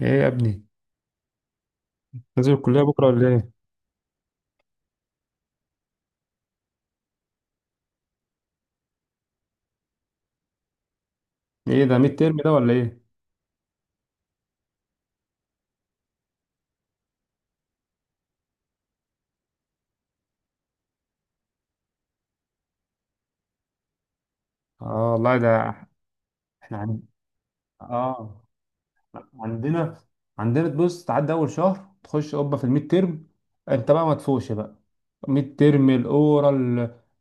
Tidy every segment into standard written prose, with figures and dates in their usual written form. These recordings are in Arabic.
ايه يا ابني، نازل الكلية بكرة ولا ايه؟ ايه ده ميد ترم ده ولا ايه؟ اه والله ده. احنا عن... اه عندنا. تبص تعدي اول شهر تخش قبة في الميد ترم. انت بقى ما تفوقش بقى. ميد ترم الاورال،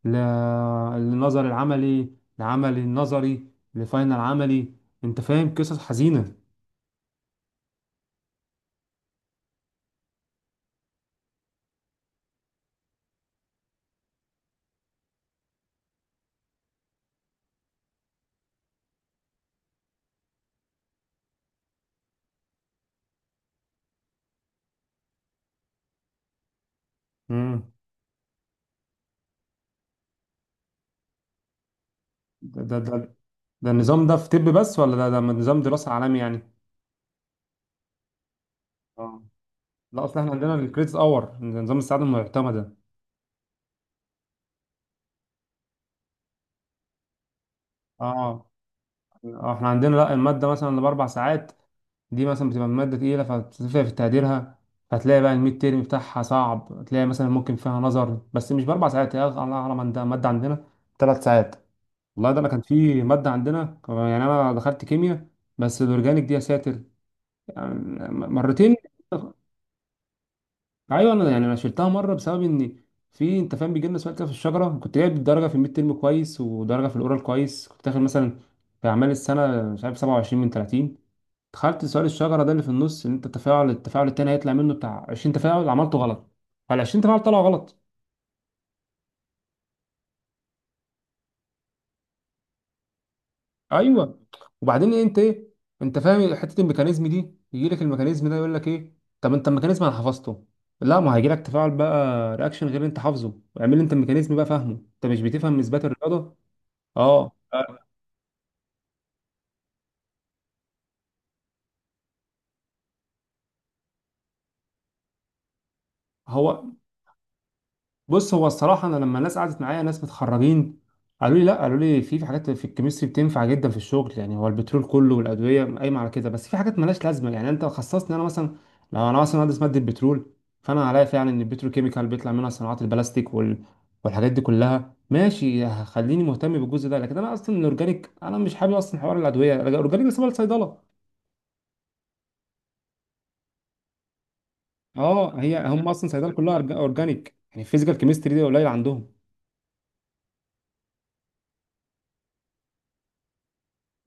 ل... النظر العملي، النظري، الفاينل عملي. انت فاهم؟ قصص حزينة. امم. ده ده ده ده النظام ده في طب بس ولا ده نظام دراسة عالمي يعني؟ اه، لا اصل احنا عندنا الكريدت اور، نظام السعادة المعتمدة. اه. احنا عندنا لا، المادة مثلا اللي بأربع ساعات دي مثلا بتبقى مادة تقيلة فبتفرق في تقديرها. فتلاقي بقى الميد تيرم بتاعها صعب. تلاقي مثلا ممكن فيها نظر بس مش بأربع ساعات، هي الله أعلم. عندها مادة عندنا ثلاث ساعات. والله ده أنا كان في مادة عندنا، يعني أنا دخلت كيمياء، بس الأورجانيك دي يا ساتر يعني. مرتين. ايوه، انا يعني انا شلتها مره بسبب ان في، انت فاهم، بيجي لنا سؤال كده في الشجره. كنت جايب درجه في الميد ترم كويس ودرجه في الاورال كويس. كنت داخل مثلا في اعمال السنه مش عارف 27 من 30. دخلت سؤال الشجره ده اللي في النص، ان انت التفاعل التاني هيطلع منه بتاع 20 تفاعل، عملته غلط. فال 20 تفاعل طلعوا غلط. ايوه. وبعدين إيه انت ايه، انت فاهم حته الميكانيزم دي؟ يجي لك الميكانيزم ده يقول لك ايه. طب انت الميكانيزم انا حفظته. لا، ما هيجي لك تفاعل بقى، رياكشن غير اللي انت حافظه. اعمل انت الميكانيزم بقى فاهمه. انت مش بتفهم اثبات الرياضه. اه. هو بص، هو الصراحه انا لما الناس قعدت معايا، ناس متخرجين، قالوا لي لا، قالوا لي في حاجات في الكيمستري بتنفع جدا في الشغل. يعني هو البترول كله والادويه قايمه على كده، بس في حاجات مالهاش لازمه. يعني انت خصصني انا مثلا، لو انا مثلا مهندس ماده بترول، فانا هلاقي فعلا ان البتروكيميكال بيطلع منها صناعات البلاستيك والحاجات دي كلها، ماشي، خليني مهتم بالجزء ده. لكن انا اصلا الاورجانيك انا مش حابب اصلا حوار الادويه، الاورجانيك ده سبب الصيدله. اه، هي هم اصلا صيدله كلها اورجانيك يعني، الفيزيكال كيمستري دي قليل عندهم.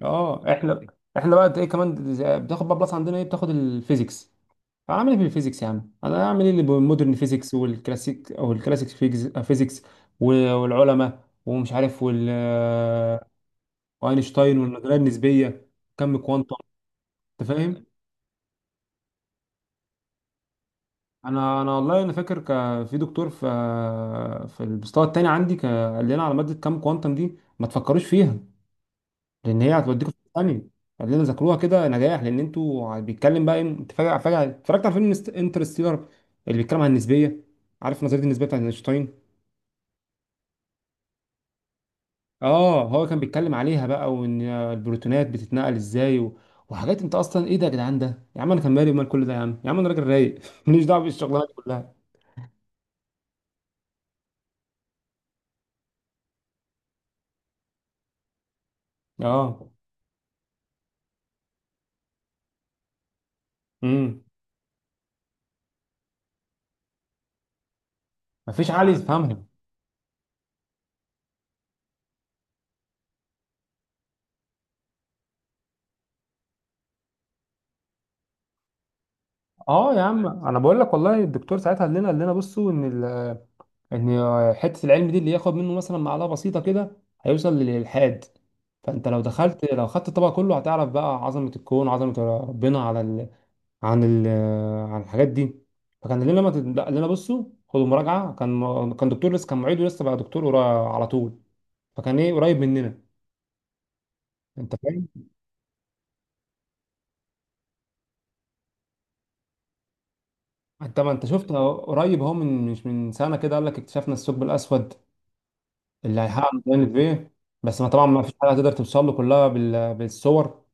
اه احنا، احنا بقى ايه كمان بتاخد بقى بلس عندنا، ايه، بتاخد الفيزيكس. هعمل ايه في الفيزيكس يا عم؟ انا هعمل ايه اللي بالمودرن فيزيكس والكلاسيك، او الكلاسيك فيزيكس، والعلماء ومش عارف، واينشتاين والنظريه النسبيه، كم كوانتم. انت فاهم. انا والله انا فاكر، في دكتور في، في المستوى التاني عندي، قال لنا على ماده كم كوانتم دي، ما تفكروش فيها لان هي هتوديكوا في ثانيه. خلينا ذاكروها كده نجاح، لان انتوا بيتكلم بقى إيه. انت فجاه اتفرجت على فيلم انترستيلر اللي بيتكلم عن النسبيه، عارف نظريه النسبيه بتاعت اينشتاين. اه، هو كان بيتكلم عليها بقى، وان البروتونات بتتنقل ازاي وحاجات، انت اصلا ايه ده يا جدعان؟ ده يا عم انا كان مالي مال كل ده، يا عم يا عم انا راجل رايق ماليش دعوه بالشغلانه دي كلها. اه. امم. مفيش عقل يفهمها. اه يا عم، انا بقول لك والله، الدكتور ساعتها قال لنا، قال لنا بصوا ان ال ان حته العلم دي اللي ياخد منه مثلا معلقه بسيطه كده هيوصل للالحاد. فانت لو دخلت، لو خدت الطبق كله، هتعرف بقى عظمه الكون، عظمه ربنا على عن ال... عن الحاجات دي. فكان لنا، ما تت- قال لنا بصوا خدوا مراجعه. كان كان دكتور لسه، كان معيد ولسه بقى دكتور على طول، فكان ايه قريب مننا. انت فاهم. انت ما انت شفت أهو، قريب اهو، من مش من سنه كده قال لك اكتشفنا الثقب الاسود اللي هيحقق ميزان في. بس ما طبعا ما فيش حاجه هتقدر توصل له كلها بالصور.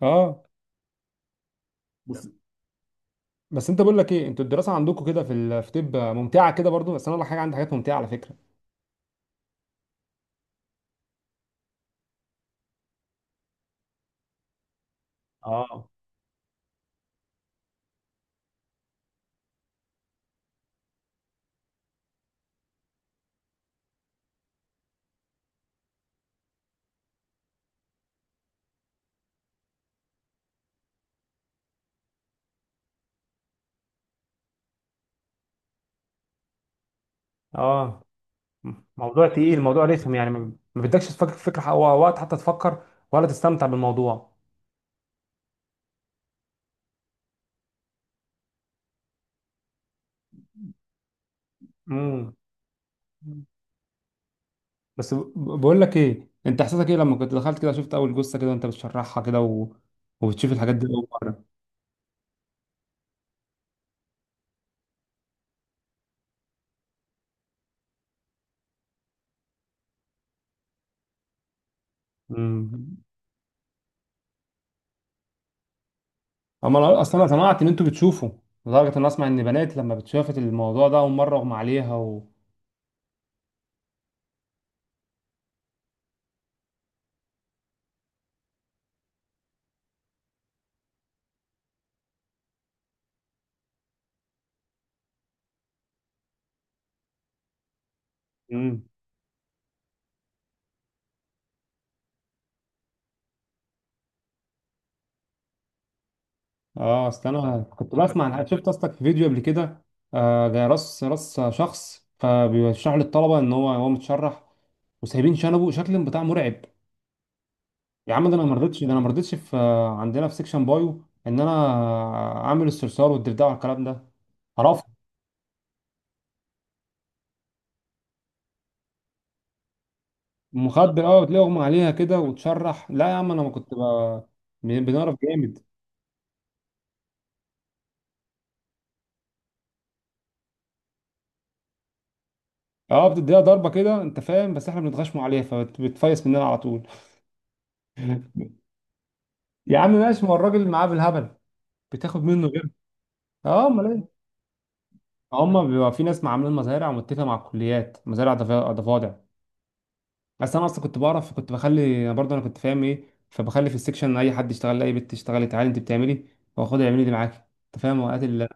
اه. بس بس انت، بقول لك ايه، انتوا الدراسه عندكم كده في في طب ممتعه كده برضو، بس انا ولا حاجه، عندي حاجات ممتعه على فكره. اه. اه، موضوع تقيل، موضوع رخم، يعني ما بدكش تفكر في فكرة، وقت حتى تفكر ولا تستمتع بالموضوع. امم. مم. بس، بقول لك ايه انت، احساسك ايه لما كنت دخلت كده، شفت اول جثه كده وانت بتشرحها كده وبتشوف الحاجات دي اول مره؟ امم. اما انا اصلا انا سمعت ان انتوا بتشوفوا لدرجه ان اسمع ان بنات لما بتشافت الموضوع ده اول مره اغمى عليها. و... اه اصل انا كنت بسمع عن شفت اصلك في فيديو قبل كده. آه، ده راس شخص، فبيشرح للطلبه ان هو متشرح وسايبين شنبه، شكل بتاع مرعب. يا عم ده انا ما رضيتش، ده انا ما رضيتش في، عندنا في سيكشن بايو، ان انا اعمل الصرصار والضفدع والكلام ده. عرفت. مخدر، اه، وتلاقي اغمى عليها كده وتشرح. لا يا عم انا ما كنت بنعرف جامد. اه، بتديها ضربه كده انت فاهم، بس احنا بنتغشموا عليها فبتفيس مننا على طول. يا عم ماشي، ما هو الراجل معاه بالهبل، بتاخد منه غير. اه، امال ايه. هم بيبقى في ناس عاملين مزارع ومتفقه مع الكليات، مزارع ضفادع. بس انا اصلا كنت بعرف، كنت بخلي، انا برضه انا كنت فاهم ايه، فبخلي في السكشن اي حد يشتغل، اي بنت تشتغلي تعالي انت بتعملي، واخدها اعملي دي معاكي. انت فاهم وقت ال.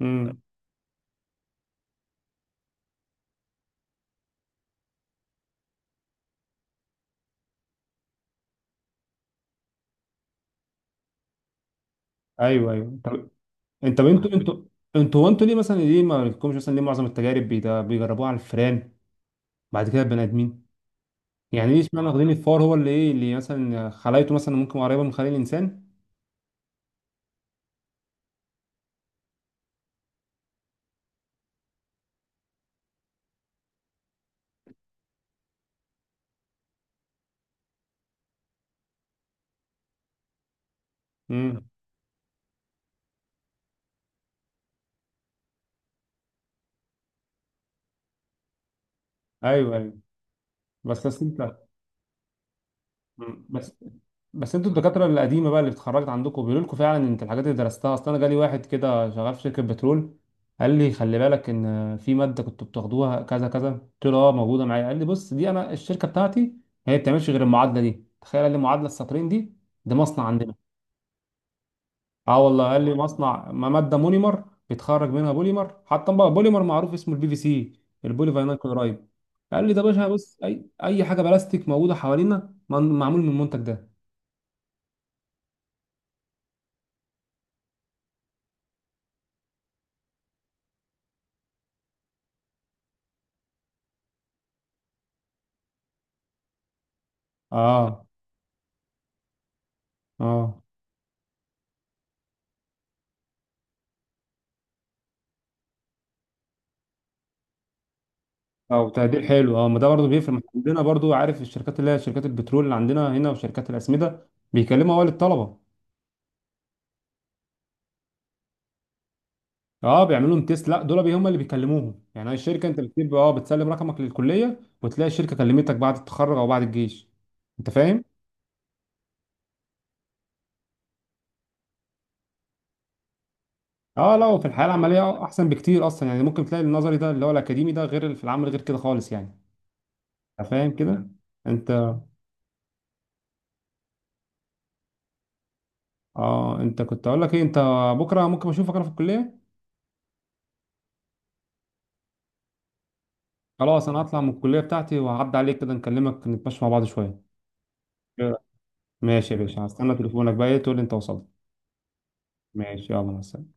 امم. ايوه ايوه. طب انت، انتوا وانتوا ليه مثلا، ليه ما لكمش، مثلا ليه معظم التجارب بيجربوها على الفئران بعد كده البني ادمين؟ يعني ليه، اشمعنى واخدين الفار، هو اللي ايه، اللي مثلا خلايته مثلا ممكن قريبه من خلايا الانسان. امم. ايوه ايوه. بس انت، مم. بس بس انتوا الدكاتره القديمه بقى اللي اتخرجت عندكم، بيقولوا لكم فعلا انت الحاجات اللي درستها؟ اصل انا جالي واحد كده شغال في شركه بترول، قال لي خلي بالك ان في ماده كنتوا بتاخدوها كذا كذا. قلت له اه موجوده معايا. قال لي بص، دي انا الشركه بتاعتي هي ما بتعملش غير المعادله دي، تخيل. قال لي معادله السطرين دي، ده مصنع عندنا. اه والله، قال لي مصنع، ما ماده مونيمر بيتخرج منها بوليمر، حتى بقى بوليمر معروف اسمه البي في سي، البولي فينيل كلورايد. قال لي ده باشا، بص، اي حاجه بلاستيك موجوده حوالينا معمول من المنتج ده. اه. اه. اه تقدير حلو. اه، ما ده برضه بيفرق، ما عندنا برضه، عارف الشركات اللي هي شركات البترول اللي عندنا هنا وشركات الاسمده، بيكلموا اول الطلبه. اه بيعملوا لهم تيست؟ لا، دول هم اللي بيكلموهم يعني، هي الشركه، انت بتكتب اه، بتسلم رقمك للكليه، وتلاقي الشركه كلمتك بعد التخرج او بعد الجيش. انت فاهم. اه لا، وفي الحياه العمليه احسن بكتير اصلا يعني. ممكن تلاقي النظري ده اللي هو الاكاديمي ده، غير اللي في العمل، غير كده خالص يعني. انت فاهم كده. انت، اه انت، كنت اقول لك ايه، انت بكره ممكن اشوفك انا في الكليه. خلاص، انا هطلع من الكليه بتاعتي وهعدي عليك كده، نكلمك نتمشى مع بعض شويه. ماشي يا باشا، هستنى تليفونك بقى، ايه، تقول لي انت وصلت. ماشي، يلا، مع السلامه.